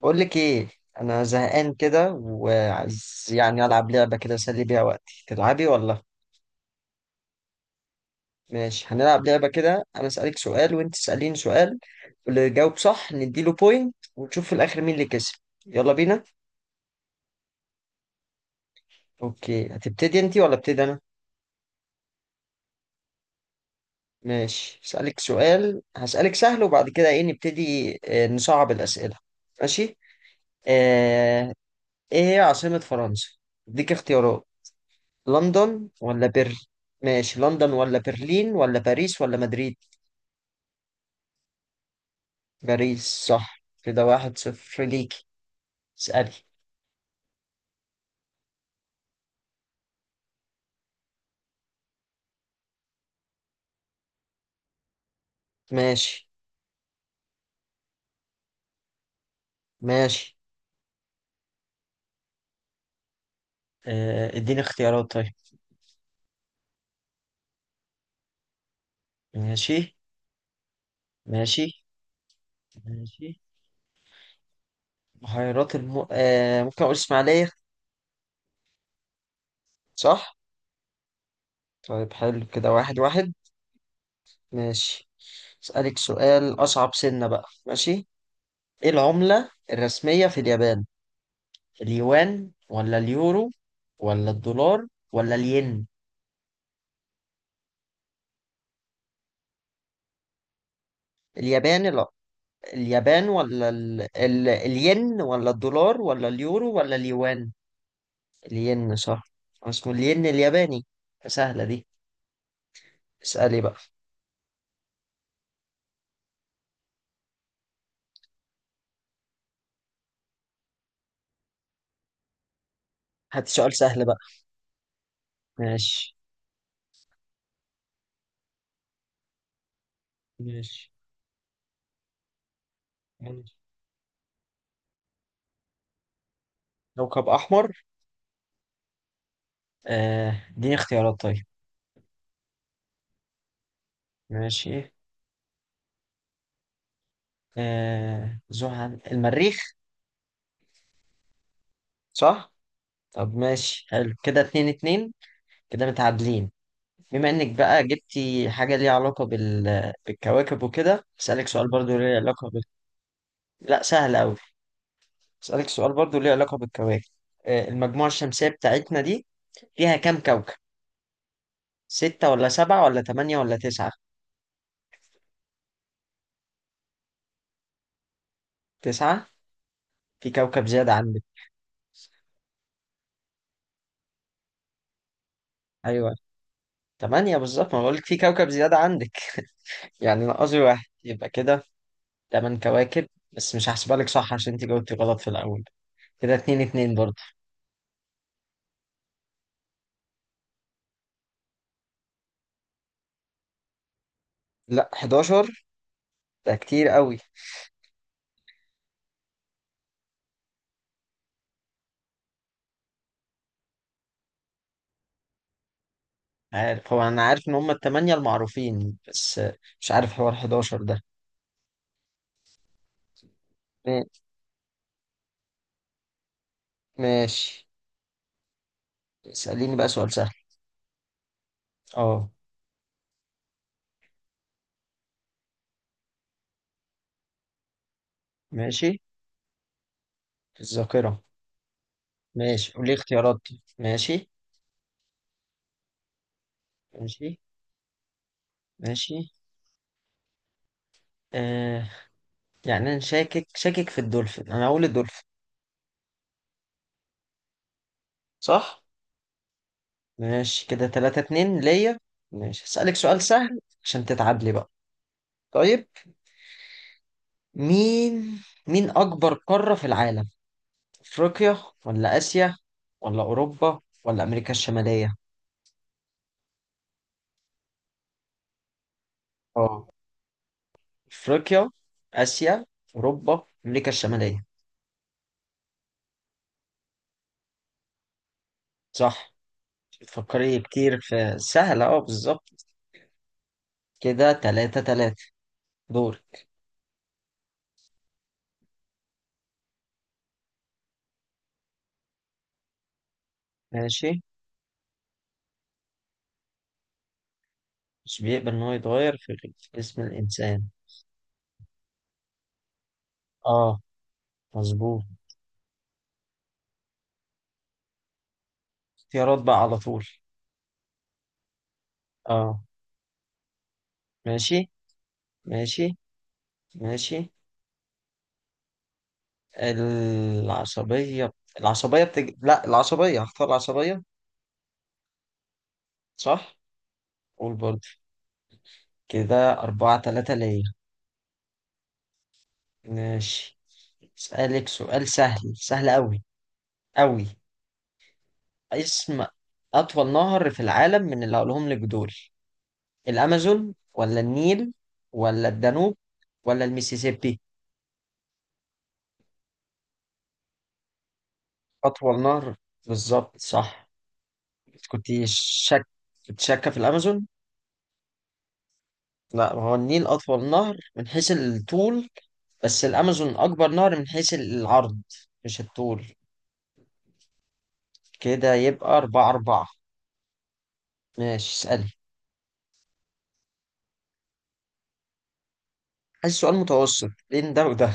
بقول لك ايه؟ انا زهقان كده وعايز يعني العب لعبه كده اسلي بيها وقتي، تلعبي ولا؟ ماشي، هنلعب لعبه كده. انا اسالك سؤال وانت تساليني سؤال، واللي يجاوب صح نديله بوينت ونشوف في الاخر مين اللي كسب. يلا بينا. اوكي، هتبتدي انت ولا ابتدي انا؟ ماشي، اسالك سؤال، هسالك سهل وبعد كده ايه نبتدي نصعب الاسئله. ماشي. آه... ايه هي عاصمه فرنسا؟ اديك اختيارات: لندن ولا ماشي، لندن ولا برلين ولا باريس ولا مدريد؟ باريس، صح. كده واحد صفر ليكي. اسألي. ماشي. ماشي. اديني اختيارات طيب. ماشي. ماشي. ماشي. بحيرات الم... آه، ممكن اقول اسماعيلية. صح. طيب، حلو، كده واحد واحد. ماشي. اسألك سؤال اصعب، سنة بقى، ماشي. ايه العملة الرسمية في اليابان؟ اليوان ولا اليورو ولا الدولار ولا الين؟ اليابان ال... اليابان ولا الين ولا الدولار ولا اليورو ولا اليوان؟ الين، صح. اسمه الين الياباني. سهلة دي. اسألي بقى. هات سؤال سهل بقى. ماشي. ماشي. ماشي. كوكب أحمر. اديني اختيارات طيب. ماشي. زحل، المريخ. صح. طب ماشي، حلو، كده اتنين اتنين، كده متعادلين. بما انك بقى جبتي حاجة ليها علاقة بالكواكب وكده، اسألك سؤال برضو ليه علاقة. لا، سهل أوي. أسألك سؤال برضو ليه علاقة بالكواكب. آه، المجموعة الشمسية بتاعتنا دي فيها كام كوكب؟ ستة ولا سبعة ولا تمانية ولا تسعة؟ تسعة؟ في كوكب زيادة عندك. أيوة، تمانية بالظبط، ما بقولك في كوكب زيادة عندك، يعني ناقصي واحد. يبقى كده تمن كواكب، بس مش هحسبها لك صح عشان انت جاوبتي غلط في الأول. كده اتنين اتنين برضه. لا، 11 ده كتير قوي. عارف، هو أنا عارف إن هما التمانية المعروفين، بس آه، مش عارف حوار 11 ده. ما- ماشي. اسأليني بقى سؤال سهل. اه. ماشي. الذاكرة. ماشي، قولي اختيارات. ماشي. ماشي. ماشي. آه، يعني انا شاكك شاكك في الدولفين، انا اقول الدولفين. صح. ماشي، كده تلاتة اتنين ليا. ماشي، هسألك سؤال سهل عشان تتعادلي بقى. طيب. مين اكبر قارة في العالم؟ افريقيا ولا اسيا ولا اوروبا ولا امريكا الشمالية؟ اه، افريقيا، اسيا، اوروبا، امريكا الشمالية. صح. فكري كتير في سهلة. اه، بالظبط. كده تلاتة تلاتة. دور. ماشي. مش بيقبل ان هو يتغير في اسم الانسان. اه، مظبوط. اختيارات بقى على طول. اه. ماشي. ماشي. ماشي. العصبية، لا، العصبية، هختار العصبية. صح. قول برضه. كده أربعة تلاتة ليا. ماشي، اسألك سؤال سهل، سهل أوي، أوي. اسم أطول نهر في العالم من اللي هقولهم لك دول: الأمازون ولا النيل ولا الدانوب ولا الميسيسيبي؟ أطول نهر، بالظبط، صح. كنت شك كنت شاكة في الأمازون، لا، هو النيل أطول نهر من حيث الطول، بس الأمازون أكبر نهر من حيث العرض، مش الطول. كده يبقى أربعة أربعة. ماشي، اسألي. عايز سؤال متوسط بين ده وده.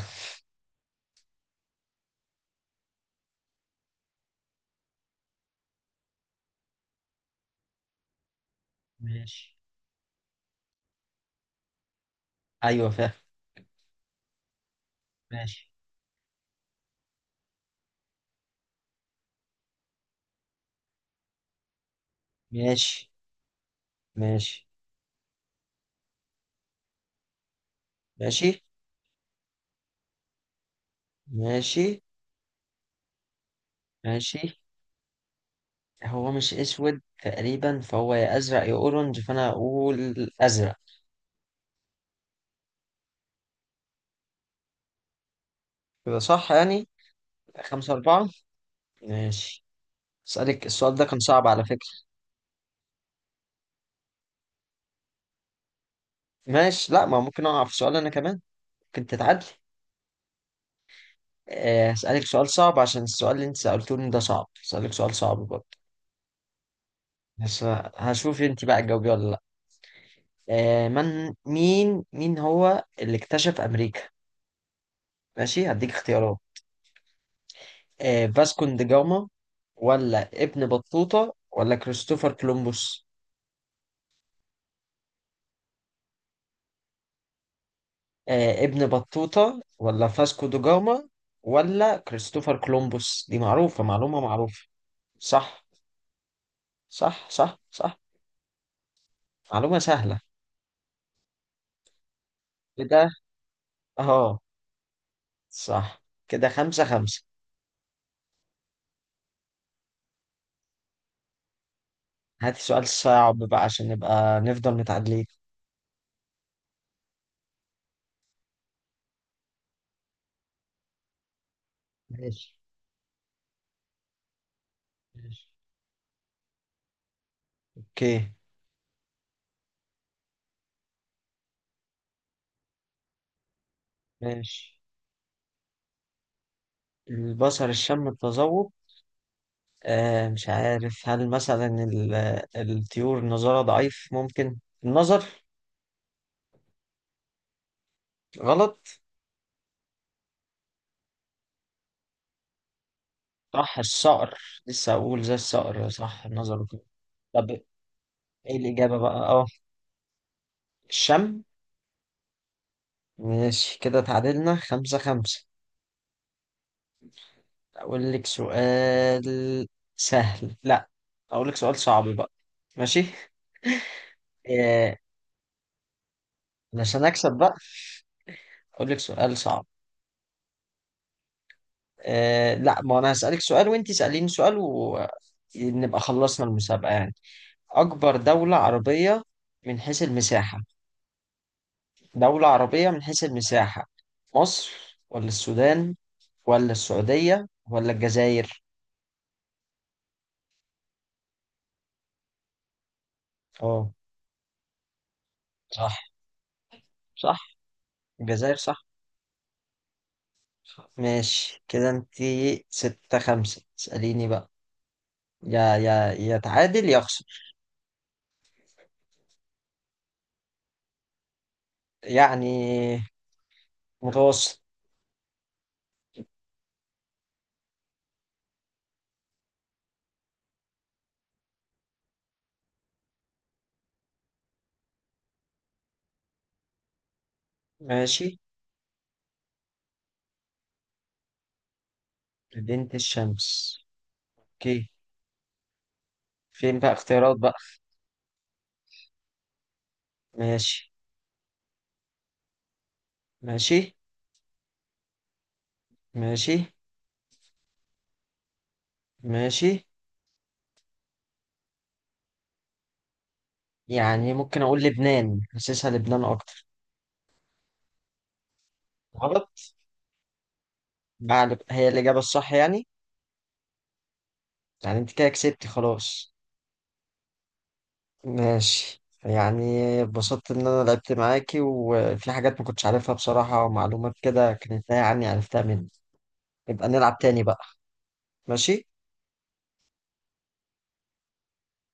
ماشي. أيوة، فاهم. ماشي. ماشي. ماشي. ماشي. ماشي. ماشي. هو مش اسود تقريبا، فهو يا ازرق يا اورنج، فانا اقول ازرق. كده صح يعني. خمسة أربعة. ماشي. اسألك، السؤال ده كان صعب على فكرة. ماشي، لا، ما ممكن أقع في سؤال أنا كمان، ممكن تتعدل. آه، هسألك سؤال صعب عشان السؤال اللي أنت سألتوني ده صعب، هسألك سؤال صعب برضه. بس هشوف أنت بقى تجاوبي ولا لأ. آه، مين هو اللي اكتشف أمريكا؟ ماشي، هديك اختيارات. آه، فاسكون دي جاما، ولا ابن بطوطة، ولا كريستوفر كولومبوس. آه، ابن بطوطة ولا فاسكو دو جاما ولا كريستوفر كولومبوس، دي معروفة، معلومة معروفة. صح، صح، صح، صح. معلومة سهلة. كده. اه. صح. كده خمسة خمسة. هاتي سؤال صعب بقى عشان نبقى نفضل متعادلين. ماشي. ماشي. اوكي. ماشي. البصر، الشم، التذوق. آه، مش عارف، هل مثلا الطيور النظارة ضعيف، ممكن، النظر؟ غلط. صح، الصقر، لسه اقول زي الصقر، صح، النظر وكده. طب ايه الاجابه بقى، اه؟ الشم. ماشي، كده تعادلنا خمسة خمسة. اقول لك سؤال سهل، لا، اقول لك سؤال صعب بقى. ماشي. آه، علشان اكسب بقى، اقول لك سؤال صعب. آه، لا، ما انا هسألك سؤال وانت سأليني سؤال، ونبقى خلصنا المسابقة يعني. اكبر دولة عربية من حيث المساحة، دولة عربية من حيث المساحة، مصر ولا السودان ولا السعودية ولا الجزائر؟ اه، صح. صح، الجزائر، صح. ماشي، كده انتي ستة خمسة، اسأليني بقى، يا تعادل يا اخسر. يعني متوسط. ماشي. مدينة الشمس. اوكي. فين بقى اختيارات بقى؟ ماشي. ماشي. ماشي. ماشي. يعني ممكن اقول لبنان، حاسسها لبنان اكتر. غلط. بعد، هي الاجابة الصح يعني. يعني انت كده كسبتي، خلاص. ماشي يعني، اتبسطت إن أنا لعبت معاكي، وفي حاجات ما كنتش عارفها بصراحة، ومعلومات كده كانت تايهة عني، عرفتها مني. نبقى نلعب تاني بقى. ماشي.